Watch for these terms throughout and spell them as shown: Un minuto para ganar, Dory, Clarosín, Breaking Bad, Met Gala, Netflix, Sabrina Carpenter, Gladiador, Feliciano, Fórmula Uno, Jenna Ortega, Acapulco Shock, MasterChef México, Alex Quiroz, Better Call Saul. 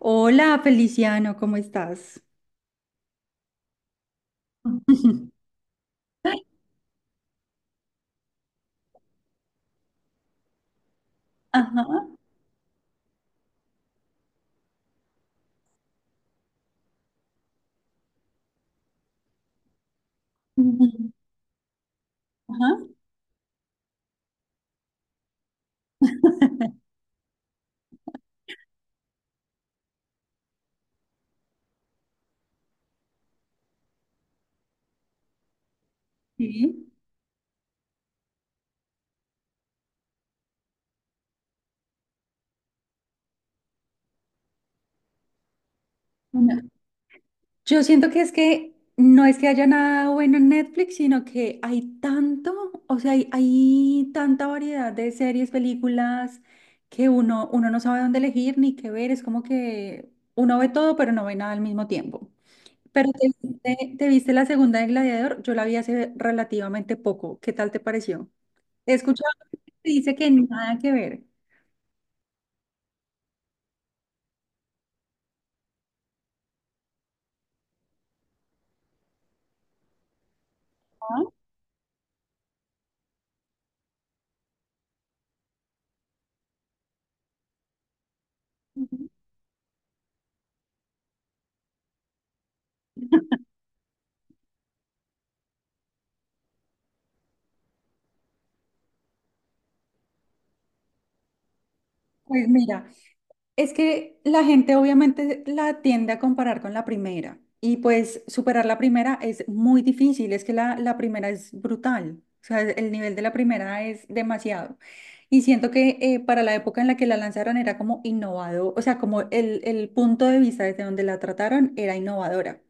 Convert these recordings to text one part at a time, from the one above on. Hola, Feliciano, ¿cómo estás? Ujú. Sí. Una- Yo siento que es que no es que haya nada bueno en Netflix, sino que hay tanto, o sea, hay tanta variedad de series, películas, que uno no sabe dónde elegir ni qué ver. Es como que uno ve todo, pero no ve nada al mismo tiempo. Pero te viste la segunda de Gladiador, yo la vi hace relativamente poco. ¿Qué tal te pareció? He escuchado que dice que nada que ver. Ah, pues mira. Es que la gente obviamente la tiende a comparar con la primera y pues superar la primera es muy difícil, es que la primera es brutal, o sea, el nivel de la primera es demasiado. Y siento que para la época en la que la lanzaron era como innovador, o sea, como el punto de vista desde donde la trataron era innovadora.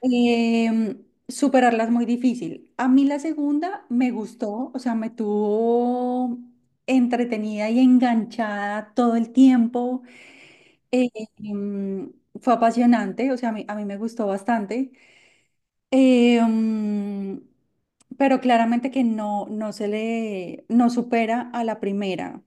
Superarla es muy difícil. A mí la segunda me gustó, o sea, me tuvo entretenida y enganchada todo el tiempo. Eh, em, fue apasionante, o sea, a mí me gustó bastante. Eh, mm, pero claramente que no, no supera a la primera.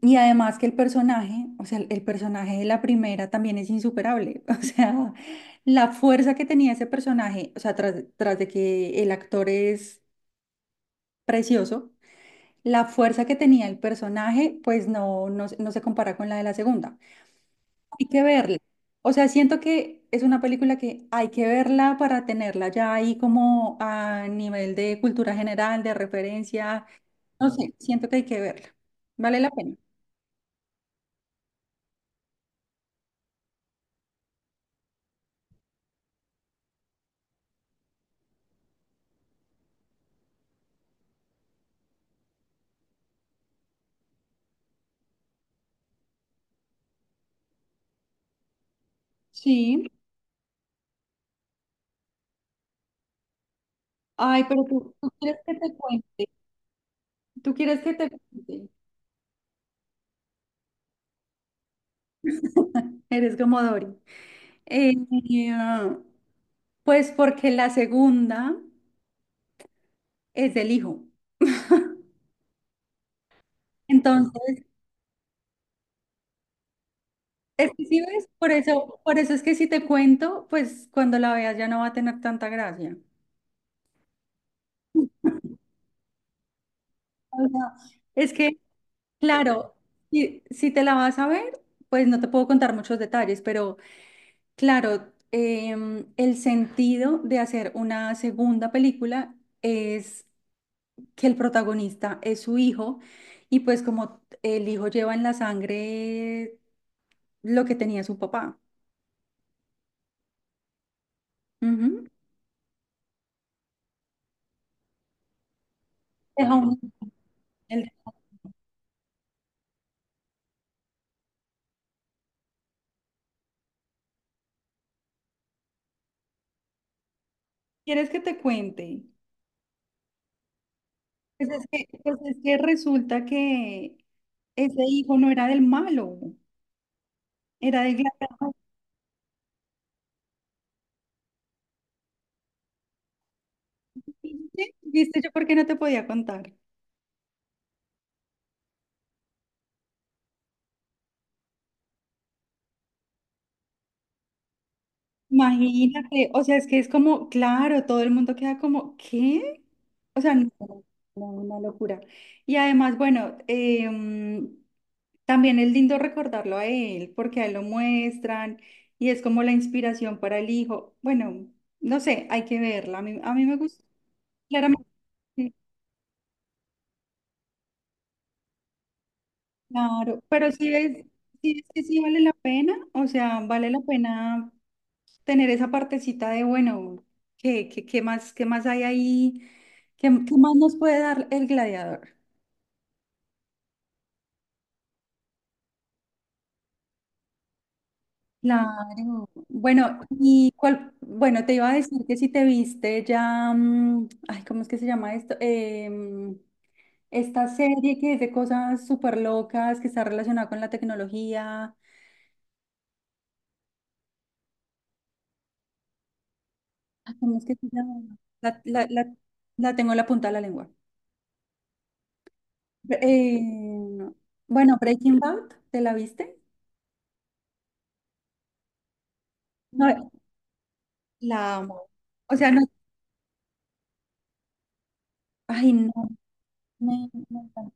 Y además que el personaje, o sea, el personaje de la primera también es insuperable, o sea, la fuerza que tenía ese personaje, o sea, tras de que el actor es precioso, la fuerza que tenía el personaje, pues no, no, se no se compara con la de la segunda. Hay que verla. O sea, siento que es una película que hay que verla para tenerla ya ahí como a nivel de cultura general, de referencia. No sé, siento que hay que verla. Vale la pena. Sí. Ay, pero tú quieres que te cuente. Tú quieres que te cuente. Eres como Dory. Eh, ah, pues porque la segunda es del hijo. Entonces, es que sí ves, por eso es que si te cuento, pues cuando la veas ya no va a tener tanta gracia. O sea, es que, claro, si, si te la vas a ver, pues no te puedo contar muchos detalles, pero claro, el sentido de hacer una segunda película es que el protagonista es su hijo y pues como el hijo lleva en la sangre lo que tenía su papá. Ujú. Deja un- el- ¿Quieres que te cuente? Pues es que resulta que ese hijo no era del malo, era del gladiador. ¿Viste? ¿Viste yo por qué no te podía contar? Imagínate, o sea, es que es como, claro, todo el mundo queda como, ¿qué? O sea, no, no, una locura. Y además, bueno, también es lindo recordarlo a él, porque a él lo muestran y es como la inspiración para el hijo. Bueno, no sé, hay que verla. A mí me gusta, claramente. Claro, pero sí es que sí vale la pena, o sea, vale la pena tener esa partecita de, bueno, ¿qué, qué más, qué más hay ahí? ¿Qué, qué más nos puede dar el gladiador? Claro. Bueno, y cuál, bueno, te iba a decir que si te viste ya, ay, ¿cómo es que se llama esto? Esta serie que es de cosas súper locas, que está relacionada con la tecnología. Ay, ¿cómo es que se llama? La tengo en la punta de la lengua. Eh, bueno, Breaking Bad, ¿te la viste? No, la amo. O sea, no, ay, no, me encanta.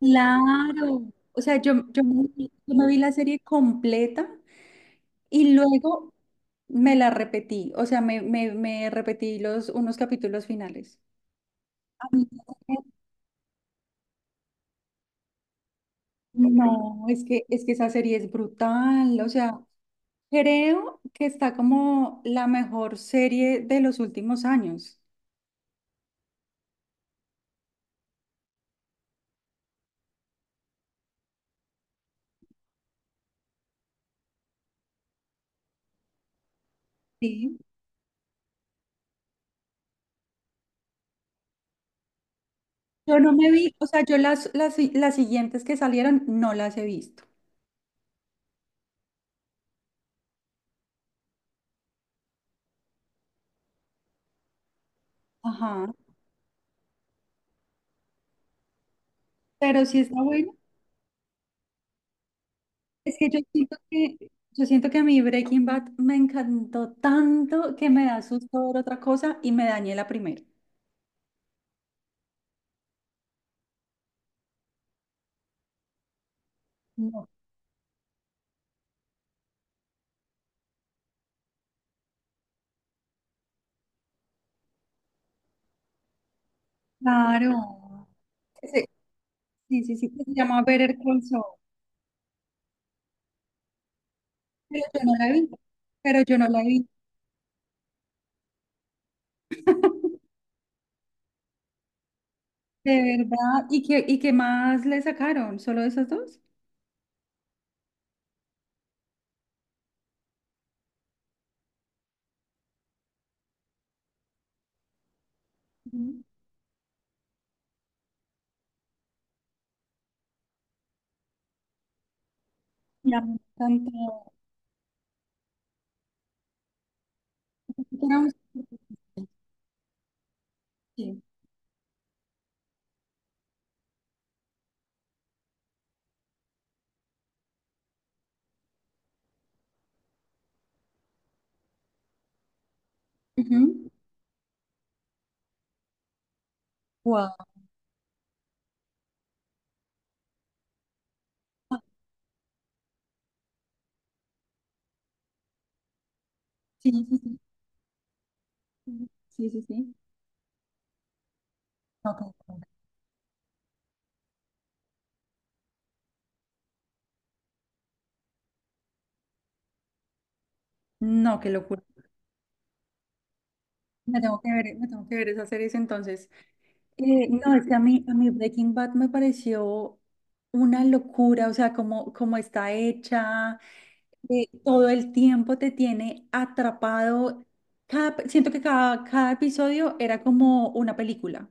Claro. O sea, yo, yo me vi la serie completa y luego me la repetí. O sea, me repetí los, unos capítulos finales. No, es que esa serie es brutal. O sea, creo que está como la mejor serie de los últimos años. Sí. Yo no me vi, o sea, yo las siguientes que salieron no las he visto. Ajá. Pero sí está bueno. Es que yo siento que, yo siento que a mí Breaking Bad me encantó tanto que me da susto ver otra cosa y me dañé la primera. No. Claro. Ese- Sí, sí, sí, que se llama Better Call Saul. Pero yo no la vi. Pero yo no la vi. De verdad. Y qué más le sacaron? ¿Solo esas dos? Ujú. Ya me encantó. Era un- Sí. Ujú. Wow. Sí, sí, sí. Sí, sí, sí, sí. No, qué locura. No, qué locura. Me tengo que ver, me tengo que ver esas series entonces. No, es que a mí Breaking Bad me pareció una locura, o sea, como, como está hecha, todo el tiempo te tiene atrapado. Cada, siento que cada, cada episodio era como una película.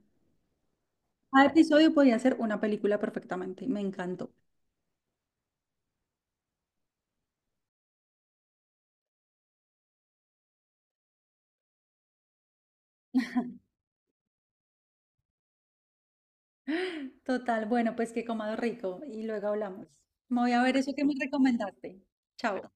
Cada episodio podía ser una película perfectamente. Me encantó. Total, bueno, pues que comado rico y luego hablamos. Me voy a ver eso que me recomendaste. Chao.